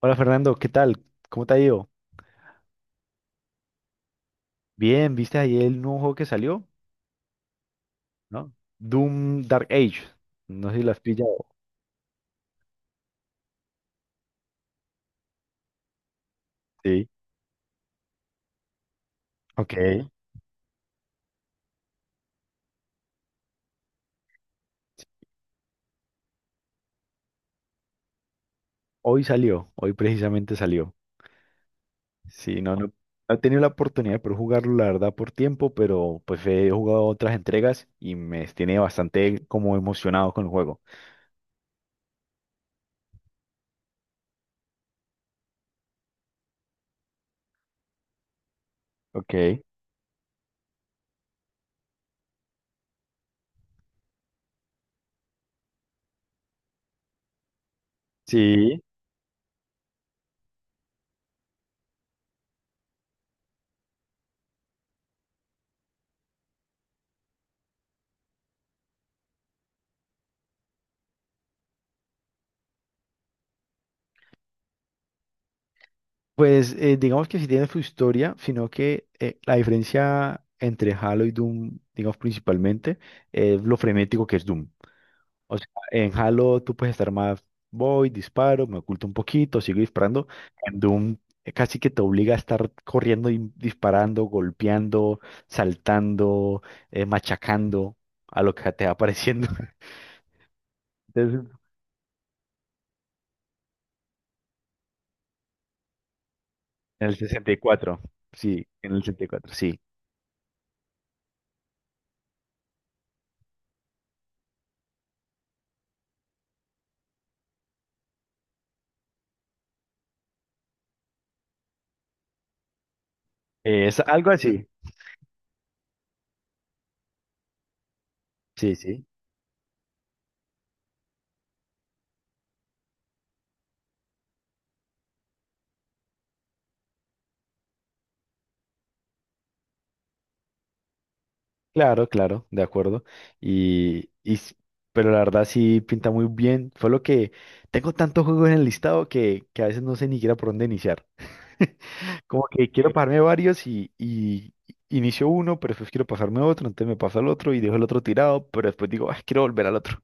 Hola Fernando, ¿qué tal? ¿Cómo te ha ido? Bien, ¿viste ayer el nuevo juego que salió? ¿No? Doom Dark Age. No sé si lo has pillado. Sí. Ok. Hoy salió, hoy precisamente salió. Sí, no he tenido la oportunidad de poder jugarlo, la verdad, por tiempo, pero pues he jugado otras entregas y me tiene bastante como emocionado con el juego. Ok. Sí. Pues digamos que sí tiene su historia, sino que la diferencia entre Halo y Doom, digamos principalmente, es lo frenético que es Doom. O sea, en Halo tú puedes estar más, voy, disparo, me oculto un poquito, sigo disparando. En Doom casi que te obliga a estar corriendo y disparando, golpeando, saltando, machacando a lo que te va apareciendo. Entonces, en el 64 sí, en el 64 sí. Es algo así. Sí, sí. Claro, claro, de acuerdo. Y, y s- pero la verdad sí pinta muy bien. Fue lo que tengo tantos juegos en el listado que a veces no sé ni siquiera por dónde iniciar. Como que quiero pasarme varios y inicio uno, pero después quiero pasarme otro, entonces me paso al otro y dejo el otro tirado, pero después digo, ah, quiero volver al otro.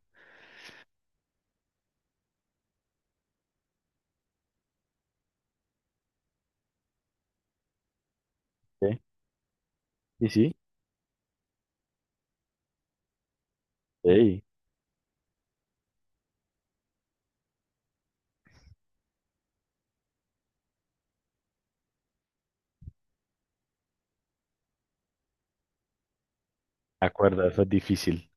Sí, sí, sí. Ey, me acuerdo, eso es difícil.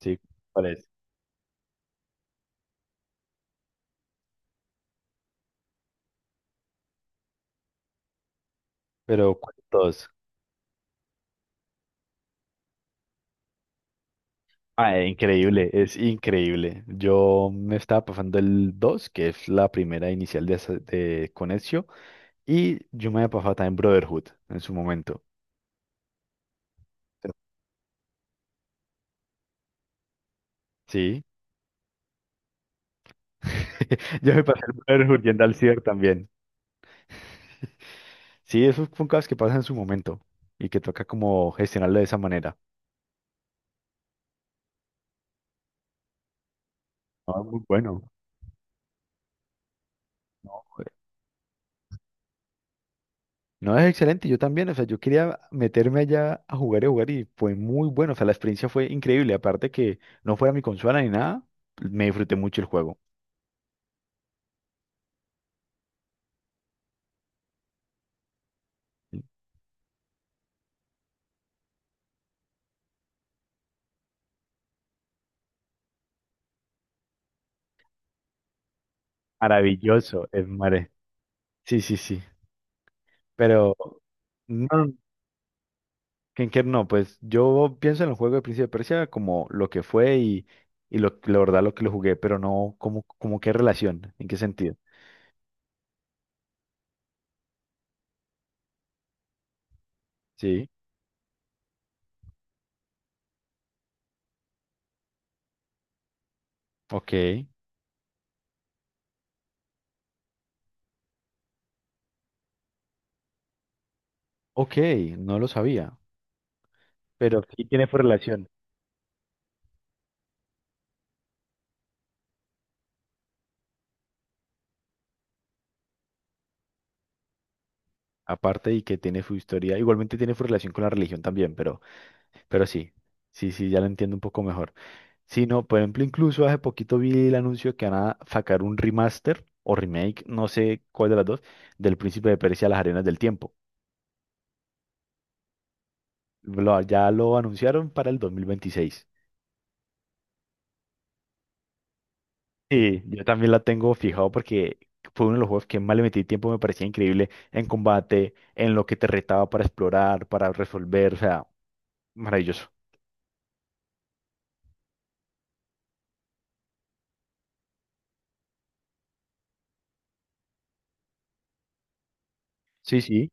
Sí, parece. Pero ¿cuántos? Ah, increíble, es increíble. Yo me estaba pasando el 2 que es la primera inicial de, de Conexio, y yo me había pasado también Brotherhood en su momento. Sí. Yo me pasé el Brotherhood yendo al ciber también. Sí, esos son cosas que pasan en su momento y que toca como gestionarlo de esa manera. Ah, muy bueno. No, no, es excelente, yo también, o sea, yo quería meterme allá a jugar y fue muy bueno, o sea, la experiencia fue increíble, aparte que no fuera mi consola ni nada, me disfruté mucho el juego. Maravilloso, es mare. Sí, sí, sí, pero no, Kenker no, pues yo pienso en el juego de Príncipe de Persia como lo que fue y lo, la verdad lo que lo jugué, pero no como, como qué relación, en qué sentido. Sí. Ok, ok, no lo sabía, pero sí tiene su relación, aparte y que tiene su historia, igualmente tiene su relación con la religión también, pero sí, sí, sí, ya lo entiendo un poco mejor. Sí, no, por ejemplo, incluso hace poquito vi el anuncio que van a sacar un remaster o remake, no sé cuál de las dos, del Príncipe de Persia, Las Arenas del Tiempo. Ya lo anunciaron para el 2026. Sí, yo también la tengo fijado porque fue uno de los juegos que más le metí tiempo, me parecía increíble en combate, en lo que te retaba para explorar, para resolver, o sea, maravilloso. Sí, sí.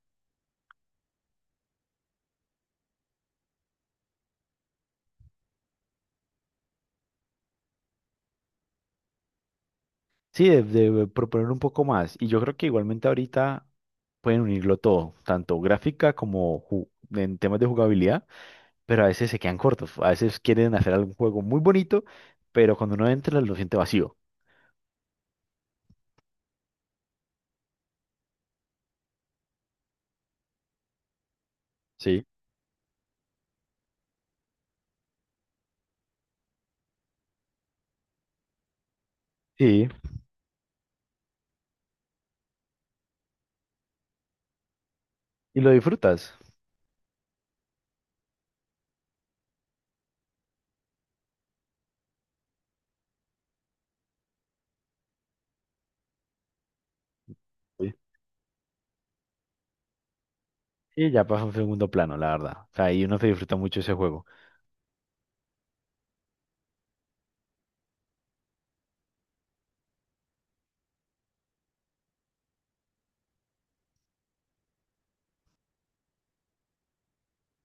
Sí, de proponer un poco más. Y yo creo que igualmente ahorita pueden unirlo todo, tanto gráfica como en temas de jugabilidad, pero a veces se quedan cortos. A veces quieren hacer algún juego muy bonito, pero cuando uno entra lo siente vacío. Sí. Sí, y lo disfrutas. Y ya pasó a un segundo plano, la verdad. O sea, ahí uno se disfruta mucho ese juego.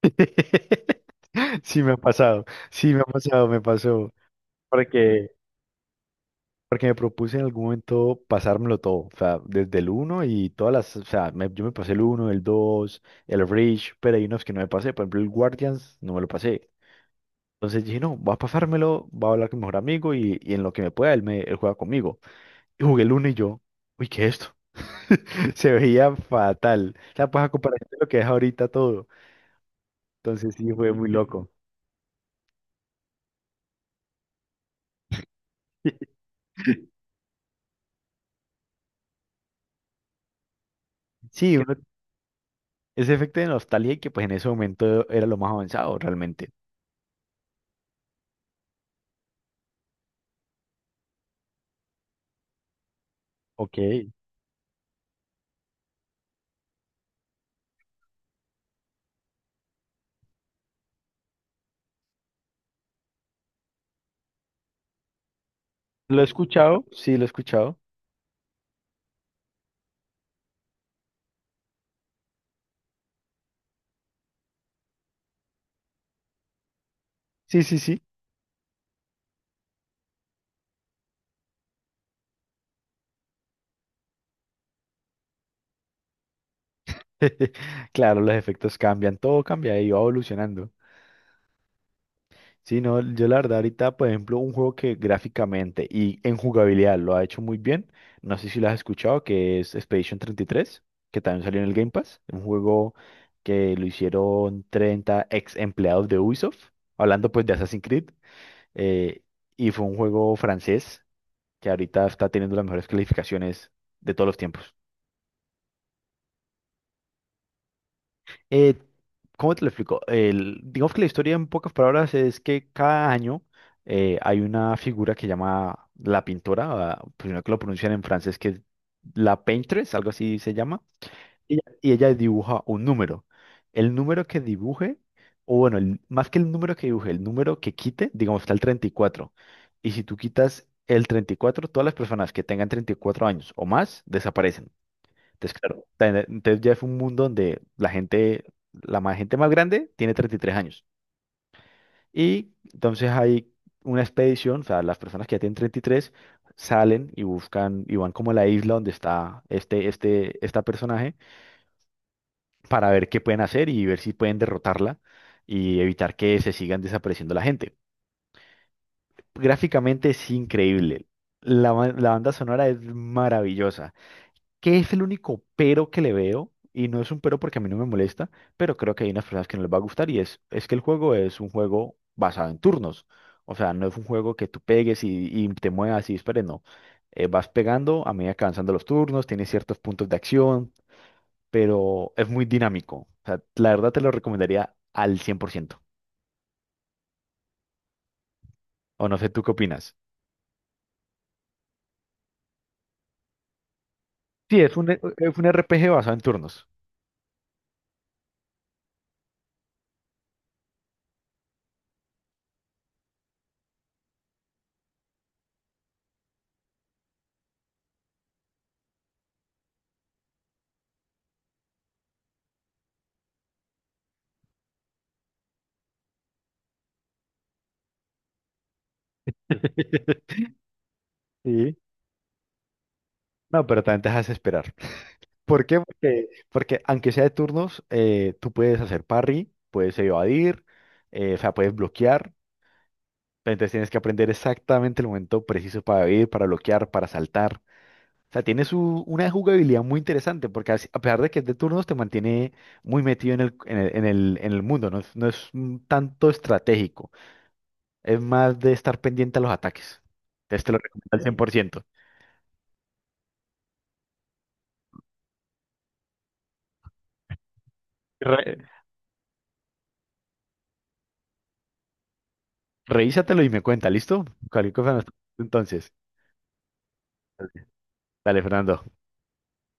Sí me ha pasado, sí me ha pasado, me pasó. Porque, porque me propuse en algún momento pasármelo todo. O sea, desde el uno y todas las. O sea, yo me pasé el uno el 2 el Reach, pero hay unos que no me pasé. Por ejemplo, el Guardians no me lo pasé. Entonces dije, no, voy a pasármelo, voy a hablar con mi mejor amigo y en lo que me pueda, él, me, él juega conmigo. Y jugué el uno y yo, uy, ¿qué es esto? Se veía fatal. O sea, pues a comparación de lo que es ahorita todo. Entonces sí fue muy loco. Sí, ese efecto de nostalgia y que pues en ese momento era lo más avanzado realmente. Ok. Lo he escuchado, sí, lo he escuchado. Sí, sí, sí. Claro, los efectos cambian, todo cambia y va evolucionando. Sí, no, yo la verdad ahorita, por ejemplo, un juego que gráficamente y en jugabilidad lo ha hecho muy bien, no sé si lo has escuchado, que es Expedition 33, que también salió en el Game Pass, un juego que lo hicieron 30 ex empleados de Ubisoft, hablando pues de Assassin's Creed. Eh, y fue un juego francés que ahorita está teniendo las mejores calificaciones de todos los tiempos. Eh, ¿Cómo te lo explico? Digamos que la historia en pocas palabras es que cada año hay una figura que llama la pintora, ah, primero que lo pronuncian en francés, que es la Paintress, algo así se llama. Y ella dibuja un número. El número que dibuje, o bueno, más que el número que dibuje, el número que quite, digamos, está el 34, y si tú quitas el 34, todas las personas que tengan 34 años o más desaparecen. Entonces, claro, entonces ya es un mundo donde la gente, gente más grande tiene 33 años. Y entonces hay una expedición, o sea, las personas que ya tienen 33 salen y buscan y van como a la isla donde está esta personaje para ver qué pueden hacer y ver si pueden derrotarla y evitar que se sigan desapareciendo la gente. Gráficamente es increíble. La banda sonora es maravillosa. ¿Qué es el único pero que le veo? Y no es un pero porque a mí no me molesta, pero creo que hay unas personas que no les va a gustar y es que el juego es un juego basado en turnos. O sea, no es un juego que tú pegues y te muevas y dispares, no. Vas pegando a medida que avanzando los turnos, tienes ciertos puntos de acción, pero es muy dinámico. O sea, la verdad te lo recomendaría al 100%. O no sé, ¿tú qué opinas? Sí, es un, es un RPG basado en turnos. Sí. No, pero también te dejas esperar. ¿Por qué? Porque, porque aunque sea de turnos, tú puedes hacer parry, puedes evadir, o sea, puedes bloquear. Entonces tienes que aprender exactamente el momento preciso para evadir, para bloquear, para saltar. O sea, tiene su, una jugabilidad muy interesante, porque a pesar de que es de turnos, te mantiene muy metido en el mundo, no es, no es un tanto estratégico, es más de estar pendiente a los ataques. Entonces te lo recomiendo al 100%. Re- Revísatelo y me cuenta, ¿listo? Cualquier cosa Entonces, dale, Fernando.